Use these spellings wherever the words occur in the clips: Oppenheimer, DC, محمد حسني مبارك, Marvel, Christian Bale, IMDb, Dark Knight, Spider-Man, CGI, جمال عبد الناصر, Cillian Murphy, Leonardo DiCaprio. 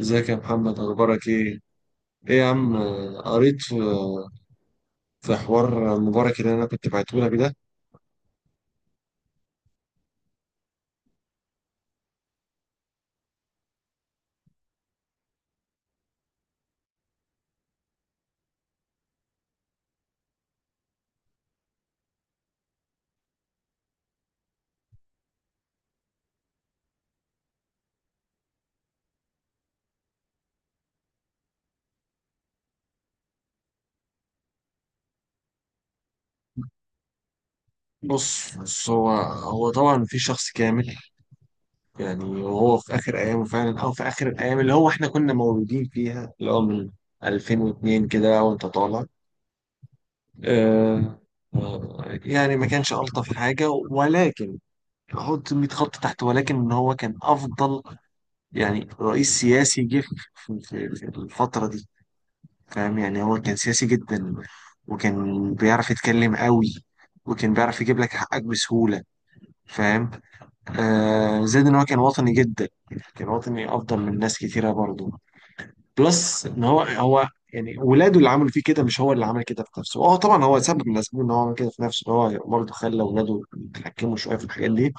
ازيك يا محمد، اخبارك ايه؟ ايه يا عم قريت في حوار مبارك اللي انا كنت بعته لك ده. بص هو طبعا في شخص كامل، يعني وهو في اخر ايامه فعلا، او في اخر الايام اللي هو احنا كنا مولودين فيها، اللي هو من 2002 كده وانت طالع. آه يعني ما كانش الطف حاجه، ولكن احط 100 خط تحت، ولكن ان هو كان افضل يعني رئيس سياسي جه في في الفتره دي. فاهم يعني؟ هو كان سياسي جدا، وكان بيعرف يتكلم قوي، وكان بيعرف يجيب لك حقك بسهولة. فاهم؟ آه، زائد ان هو كان وطني جدا، كان وطني افضل من ناس كتيرة برضو. بلس ان هو، يعني ولاده اللي عملوا فيه كده، مش هو اللي عمل كده في نفسه. اه طبعا هو سبب من الاسباب ان هو عمل كده في نفسه، إن هو برضه خلى ولاده يتحكموا شويه في الحاجات دي.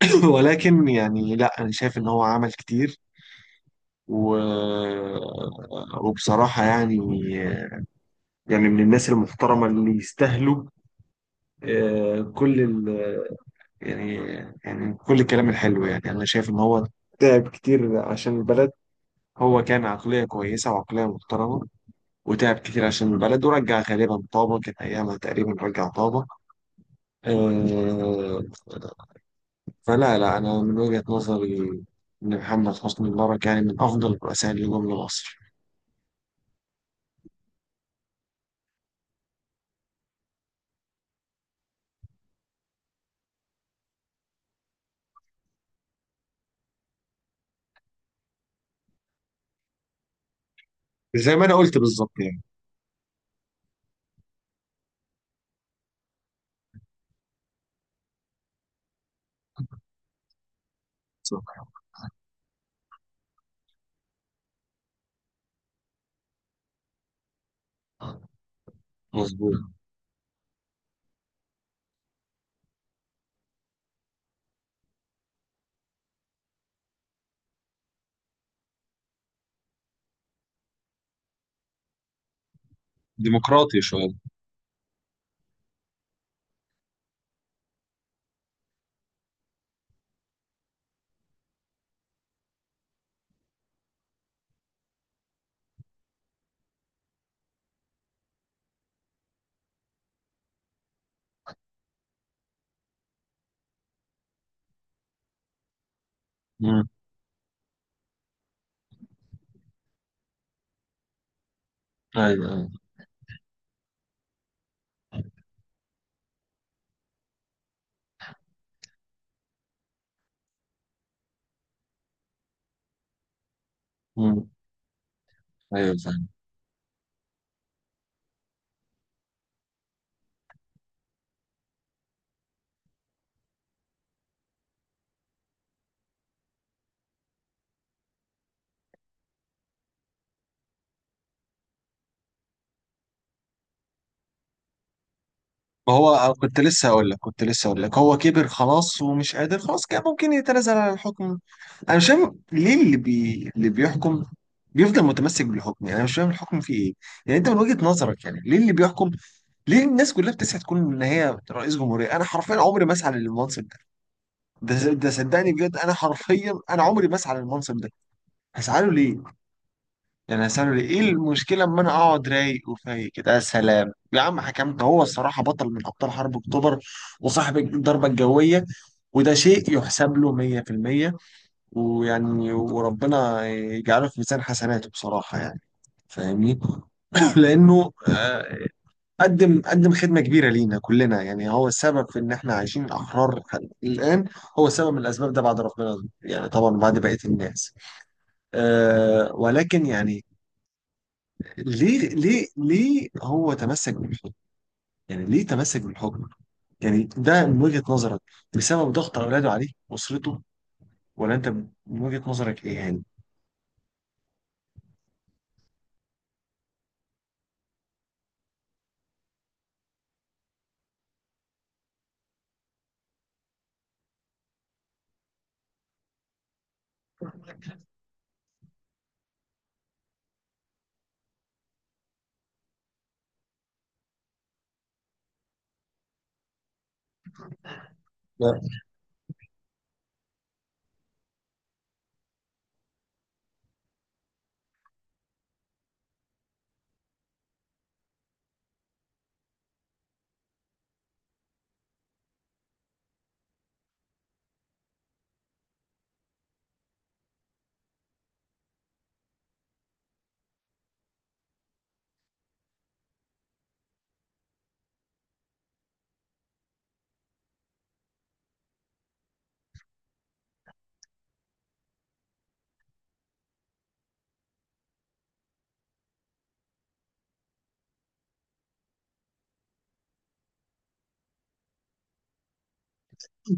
ولكن يعني لا، انا شايف ان هو عمل كتير و... وبصراحه يعني، يعني من الناس المحترمة اللي يستاهلوا كل ال، يعني، يعني كل الكلام الحلو. يعني أنا شايف إن هو تعب كتير عشان البلد. هو كان عقلية كويسة وعقلية محترمة، وتعب كتير عشان البلد، ورجع غالبا طابة، كان أيامها تقريبا رجع طابة. آه، فلا لا أنا من وجهة نظري إن محمد حسني مبارك يعني من أفضل الرؤساء اللي جم لمصر. زي ما أنا قلت بالظبط يعني. صح. مظبوط. ديمقراطي شوية. مم. أيوه أيوه. مم. ايوه فاهم. ما هو أنا كنت لسه هقول لك هو كبر خلاص ومش قادر خلاص، كان ممكن يتنازل عن الحكم. انا مش فاهم ليه اللي بيحكم بيفضل متمسك بالحكم. يعني انا مش فاهم الحكم فيه ايه. يعني انت من وجهة نظرك، يعني ليه اللي بيحكم؟ ليه الناس كلها بتسعى تكون ان هي رئيس جمهورية؟ انا حرفيا عمري ما اسعى للمنصب ده. صدقني بجد، انا حرفيا انا عمري ما اسعى للمنصب ده. هسعى له ليه؟ يعني هسأله ليه؟ ايه المشكلة اما انا اقعد رايق وفايق كده؟ يا سلام يا عم حكمت. هو الصراحة بطل من ابطال حرب اكتوبر، وصاحب الضربة الجوية، وده شيء يحسب له 100%. ويعني وربنا يجعله في ميزان حسناته بصراحة يعني. فاهمني؟ لأنه آه، قدم خدمة كبيرة لينا كلنا. يعني هو السبب في إن إحنا عايشين أحرار لحد الآن. هو سبب من الأسباب ده بعد ربنا، يعني طبعا بعد بقية الناس. آه، ولكن يعني ليه هو تمسك بالحكم؟ يعني ليه تمسك بالحكم؟ يعني ده من وجهة نظرك بسبب ضغط اولاده عليه، اسرته، ولا انت من وجهة نظرك ايه يعني؟ لا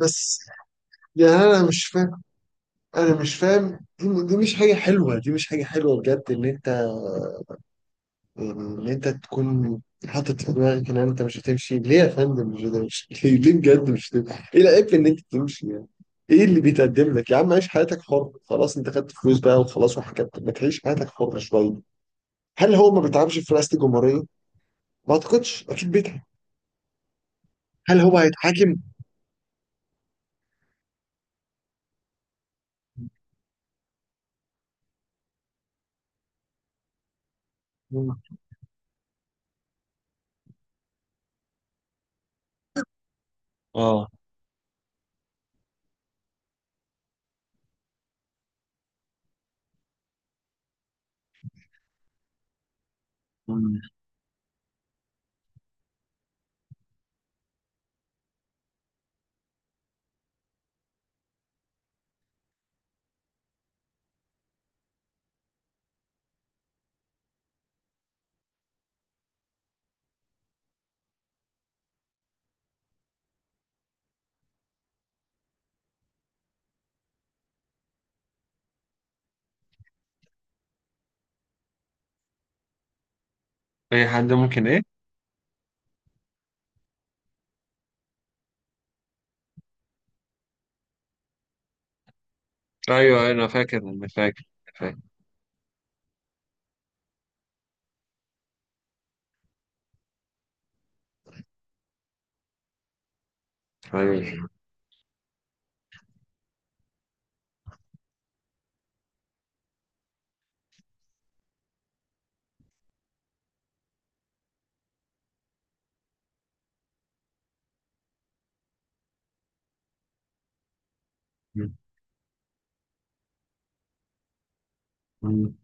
بس يعني انا مش فاهم، انا مش فاهم. دي مش حاجه حلوه، دي مش حاجه حلوه بجد، ان انت، ان انت تكون حاطط في دماغك ان انت مش هتمشي. ليه يا فندم مش هتمشي؟ ليه؟ ليه بجد مش هتمشي؟ ايه العيب في ان انت تمشي يعني؟ ايه اللي بيتقدم لك؟ يا عم عيش حياتك حر خلاص، انت خدت فلوس بقى وخلاص وحكت، ما تعيش حياتك حر شويه. هل هو ما بيتعبش في رئاسة الجمهورية؟ ما اعتقدش، اكيد بيتعب. هل هو هيتحاكم؟ مم. اه. مم. اي حد ممكن ايه؟ ايوه انا فاكر، انا فاكر، فاكر. ايوه. مم. مم.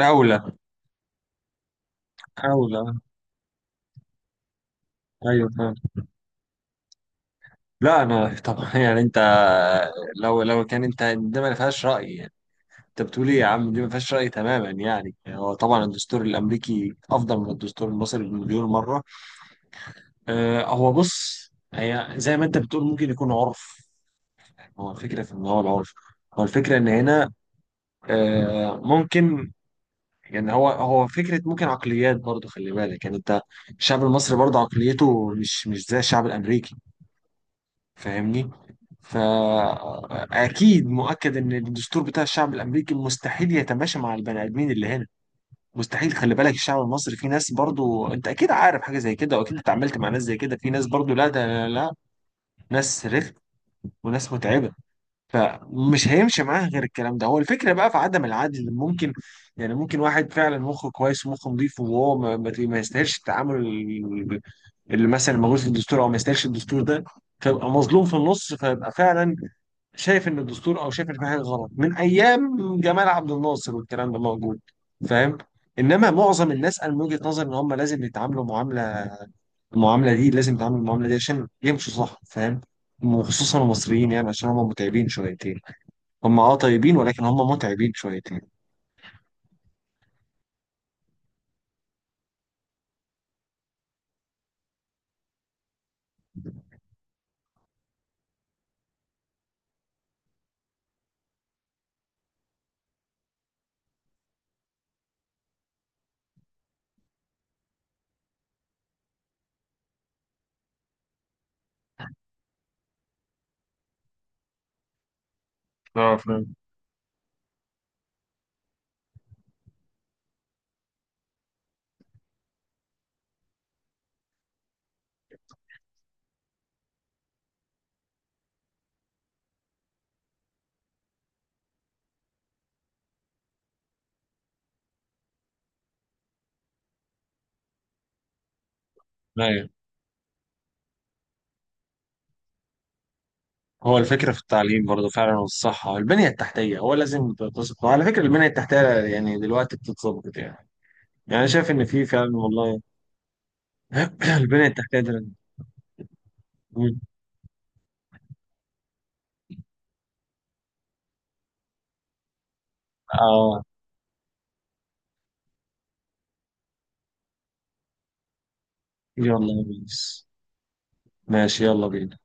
اولى. اولى. ايوه. لا انا طبعا يعني انت، لو لو كان انت ده ما فيهاش راي يعني. انت بتقول ايه يا عم؟ دي ما فيهاش راي تماما. يعني هو طبعا الدستور الامريكي افضل من الدستور المصري بمليون مره. آه هو بص، هي زي ما انت بتقول ممكن يكون عرف. هو الفكره في ان هو العرف، هو الفكره ان هنا، آه ممكن يعني، هو فكره ممكن عقليات برضو. خلي بالك يعني انت، الشعب المصري برضو عقليته مش زي الشعب الامريكي. فاهمني؟ فأكيد مؤكد إن الدستور بتاع الشعب الأمريكي مستحيل يتماشى مع البني آدمين اللي هنا. مستحيل. خلي بالك الشعب المصري، في ناس برضو، أنت أكيد عارف حاجة زي كده، وأكيد اتعاملت مع ناس زي كده. في ناس برضو، لا ده، لا، ناس رخم وناس متعبة. فمش هيمشي معاها غير الكلام ده. هو الفكرة بقى في عدم العدل ممكن، يعني ممكن واحد فعلا مخه كويس ومخه نضيف، وهو ما يستاهلش التعامل اللي مثلا موجود في الدستور، أو ما يستاهلش الدستور ده، فيبقى مظلوم في النص، فيبقى فعلا شايف ان الدستور، او شايف ان في حاجه غلط من ايام جمال عبد الناصر، والكلام ده موجود. فاهم؟ انما معظم الناس، انا من وجهه نظري ان هم لازم يتعاملوا معامله، المعامله دي لازم يتعاملوا المعامله دي عشان يمشوا صح. فاهم؟ وخصوصا المصريين يعني، عشان هم متعبين شويتين. هم اه طيبين ولكن هم متعبين شويتين. اه فاهم. ايوه. هو الفكره في التعليم برضه فعلا، والصحه، البنيه التحتيه، هو لازم تتظبط. وعلى فكره البنيه التحتيه يعني دلوقتي بتتظبط يعني. يعني أنا شايف ان في فعلا والله. البنيه التحتيه ده، اه. يلا يا بيس. ماشي، يلا بينا.